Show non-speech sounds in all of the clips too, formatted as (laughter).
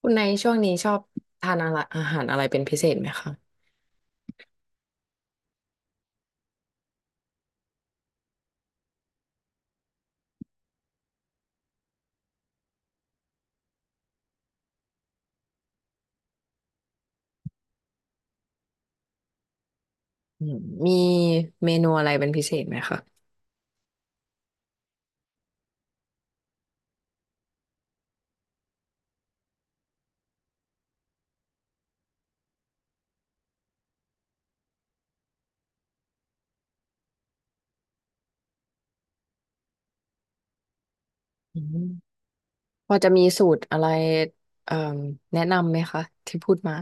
คุณในช่วงนี้ชอบทานอะไรอาหารอะไรเป็นพิเศษไหมคะอืมมีเมนูอะไรเป็นพิเศษไหมคะอืม พอจะมีสูตรอะไรเอ่แนะนำไหมคะที่พูดมา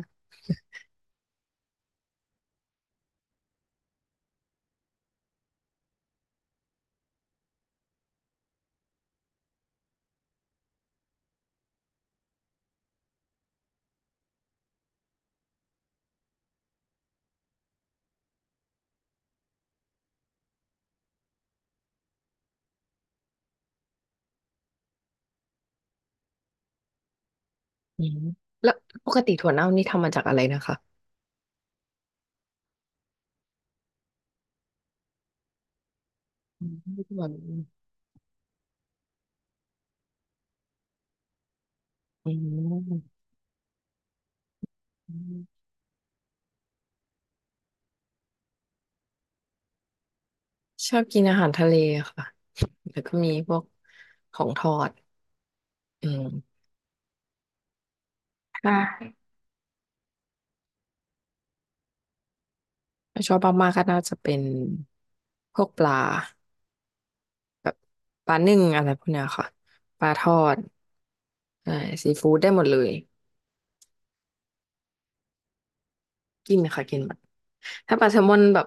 อืมแล้วปกติถั่วเน่านี่ทำมาจากอะไรนะคะอืมถั่วอืมอืมชอบกินอาหารทะเลค่ะแล้วก็มีพวกของทอดอืมค่ะถ้าชอบมากๆก็น่าจะเป็นพวกปลาปลานึ่งอะไรพวกเนี้ยค่ะปลาทอดใช่ซีฟู้ดได้หมดเลยกินค่ะกินหมดถ้าปลาแซลมอนแบบ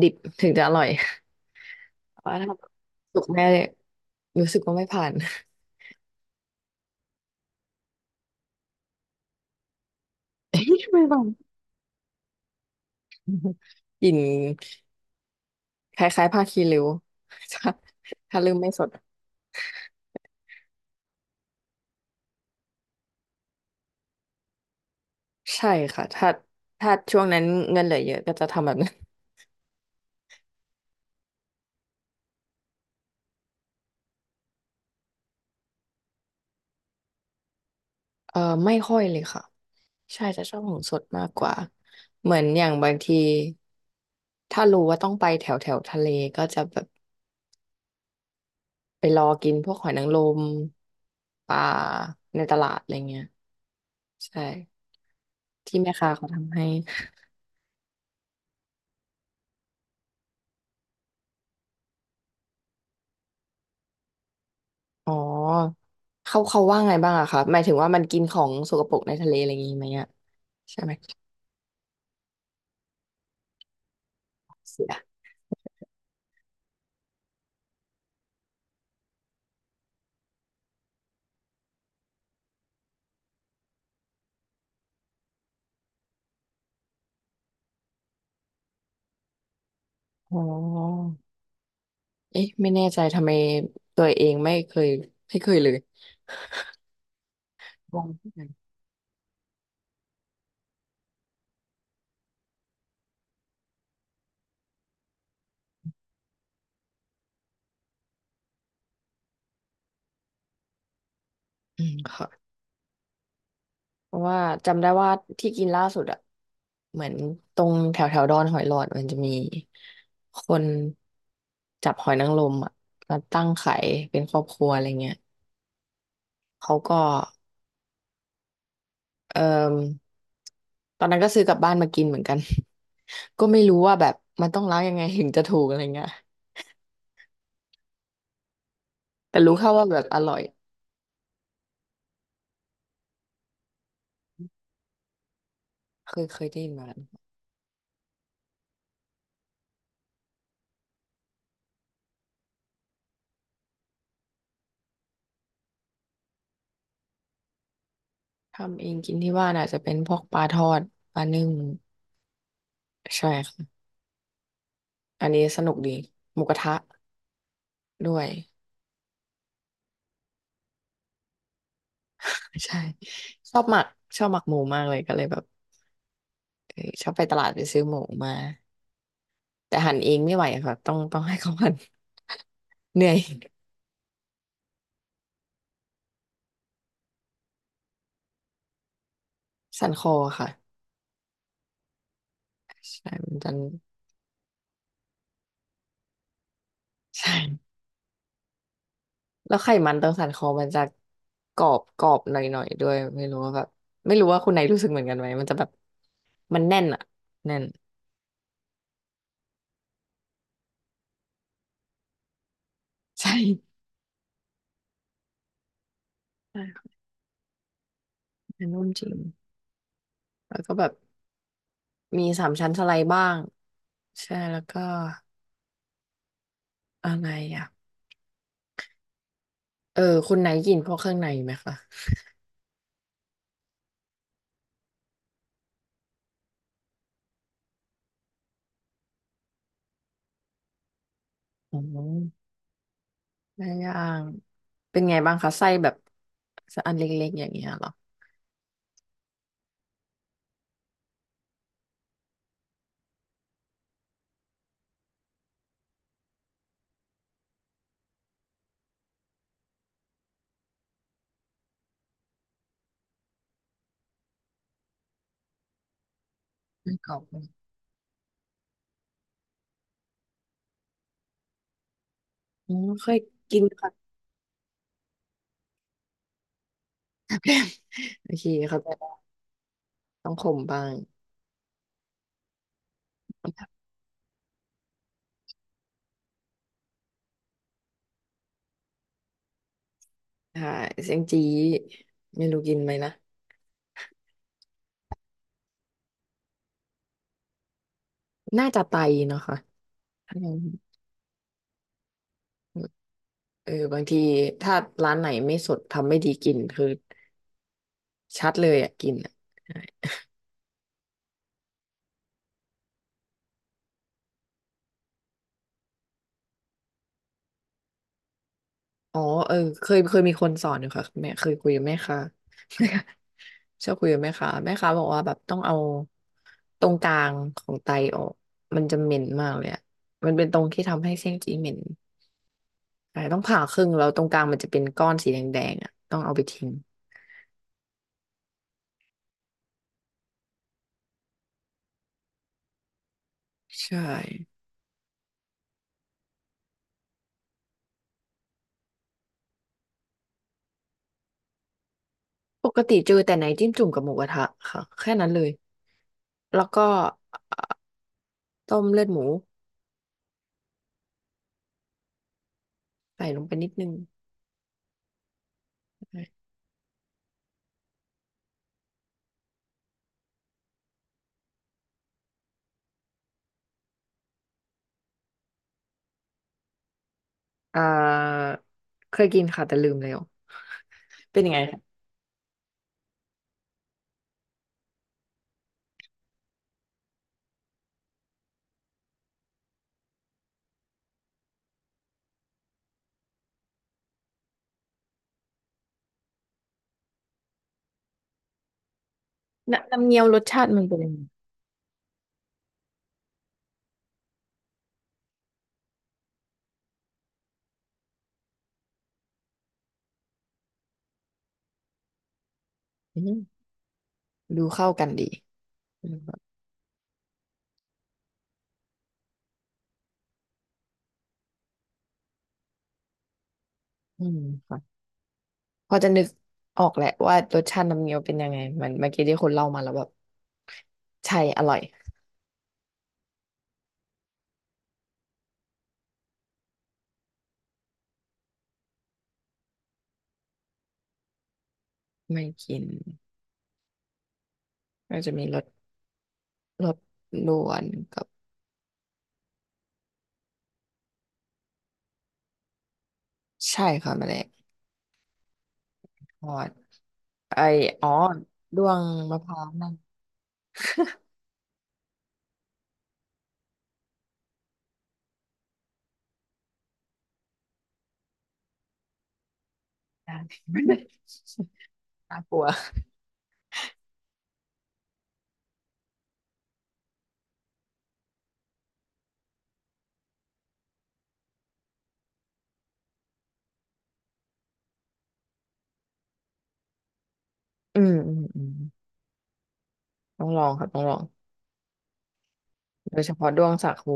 ดิบถึงจะอร่อย ว่าทำสุกแม่เลยรู้สึกว่าไม่ผ่าน (laughs) เอ้ยไม่้างกลิ่นคล้ายๆผ้าคีริ้วถ้าลืมไม่สดใช่ค่ะถ้าช่วงนั้นเงินเหลือเยอะก็จะทำแบบนั้นเออไม่ค่อยเลยค่ะใช่จะชอบของสดมากกว่าเหมือนอย่างบางทีถ้ารู้ว่าต้องไปแถวแถวทะเลก็จะแบบไปรอกินพวกหอยนางรมปลาในตลาดอะไรเงี้ยใช่ที่แม่ค้าเขาทำให้ อ๋อเขาว่าไงบ้างอะคะหมายถึงว่ามันกินของสกปรกในทะเลอะไรอย่างงี้ไหมอะใช่ไหมเสียอ๋อเอ๊ะไม่แน่ใจทำไมตัวเองไม่เคยไม่เคยเลยงงเหมือนกันอืมค่ะเพราะว่าจำได้ว่าที่กินล่าสุดอะเหมือนตรงแถวแถวดอนหอยหลอดมันจะมีคนจับหอยนางรมอะมาตั้งขายเป็นครอบครัวอะไรเงี้ยเขาก็ เอ่มตอนนั้นก็ซื้อกลับบ้านมากินเหมือนกัน (laughs) ก็ไม่รู้ว่าแบบมันต้องล้างยังไงถึงจะถูกอะไรเงี้ยแต่รู้แค่ว่าแบบอร่อยเคยได้ยินมาทำเองกินที่บ้านอาจจะเป็นพวกปลาทอดปลานึ่งใช่ค่ะอันนี้สนุกดีหมูกระทะด้วย (laughs) ใช่ชอบหมักหมูมากเลยก็เลยแบบเออชอบไปตลาดไปซื้อหมูมาแต่หั่นเองไม่ไหวค่ะต้องให้เขาหั่นเหนื่อย (laughs) สั่นคอค่ะใช่มันจะ (laughs) ใช่ แล้วไขมันตรงสันคอมันจะกรอบหน่อยด้วยไม่รู้ว่าแบบไม่รู้ว่าคุณไหนรู้สึกเหมือนกันไหมมันจะแบบมันแน่นอะแน่น (laughs) ใช่ใช่ค่ะมันนุ่มจริงแล้วก็แบบมีสามชั้นสไลด์บ้างใช่แล้วก็อะไรอ่ะเออคุณไหนกินพวกเครื่องในไหมคะอ๋อได้ย่างเป็นไงบ้างคะไส้แบบอันเล็กๆอย่างเงี้ยเหรอไม่กรอบไหมอ๋อเคยกินค่ะ (laughs) แบบโอเคเขาใจได้ต้องขมบ้าง ใช่เสียงจี้ไม่รู้กินไหมนะน่าจะไตเนาะค่ะอืมเออบางทีถ้าร้านไหนไม่สดทำไม่ดีกลิ่นคือชัดเลยอ่ะกลิ่นอะใช่อ๋อเออเคยมีคนสอนอยู่ค่ะแม่เคยคุยกับแม่ค้า (laughs) แม่ค้าชอบคุยกับแม่ค้าแม่ค้าบอกว่าแบบต้องเอาตรงกลางของไตออกมันจะเหม็นมากเลยอ่ะมันเป็นตรงที่ทำให้เสียงจีเหม็นใช่ต้องผ่าครึ่งแล้วตรงกลางมันจะเป็นก้อนสีแดงๆอ่ะต้องเอาไปทิ้งใช่ ปกติเจอแต่ไหนจิ้มจุ่มกับหมูกระทะค่ะแค่นั้นเลยแล้วก็เอ่อต้มเลือดหมูใส่ลงไปนิดนึงอ่าเคยกินค่ะแต่ลืมแล้วเป็นยังไงคะน้ำเงี้ยวรสชาติมันเป็นยังไงอืมดูเข้ากันดีอืมอืมค่ะพอจะนึกออกแหละว่ารสชาติน้ำเงี้ยวเป็นยังไงมันเมื่อกี้ที่คนเล่ามาแล้วแบบใช่อร่อยไม่กินก็จะมีรสรสลวนกับใช่ค่ะแมลงทอด ไออ๋อด้วงมะพร้าวนั่นนะน่ากลัวอืมอืมอืมต้องลองค่ะต้องลองโดยเฉพาะด้วงสาคู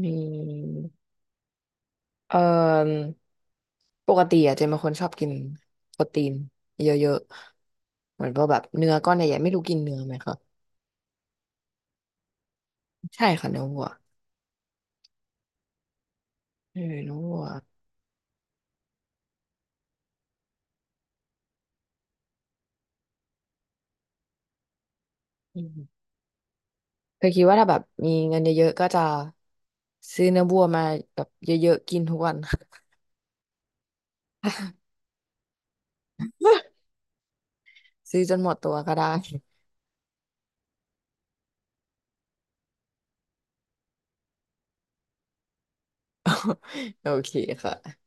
มีเอ่อปกติอะเจนเป็นคนชอบกินโปรตีนเยอะๆเหมือนพวกแบบเนื้อก้อนใหญ่ๆไม่รู้กินเนื้อไหมคะใช่ค่ะเนื้อวัวเออเนื้อวัวอืมเคยคิดว่าถ้าแบบมีเงินเยอะๆก็จะซื้อเนื้อวัวมาแบบเยอะๆกินทุกวัน (laughs) ซื้อจนหมดตัวก็ได้ (laughs) โอเคค่ะ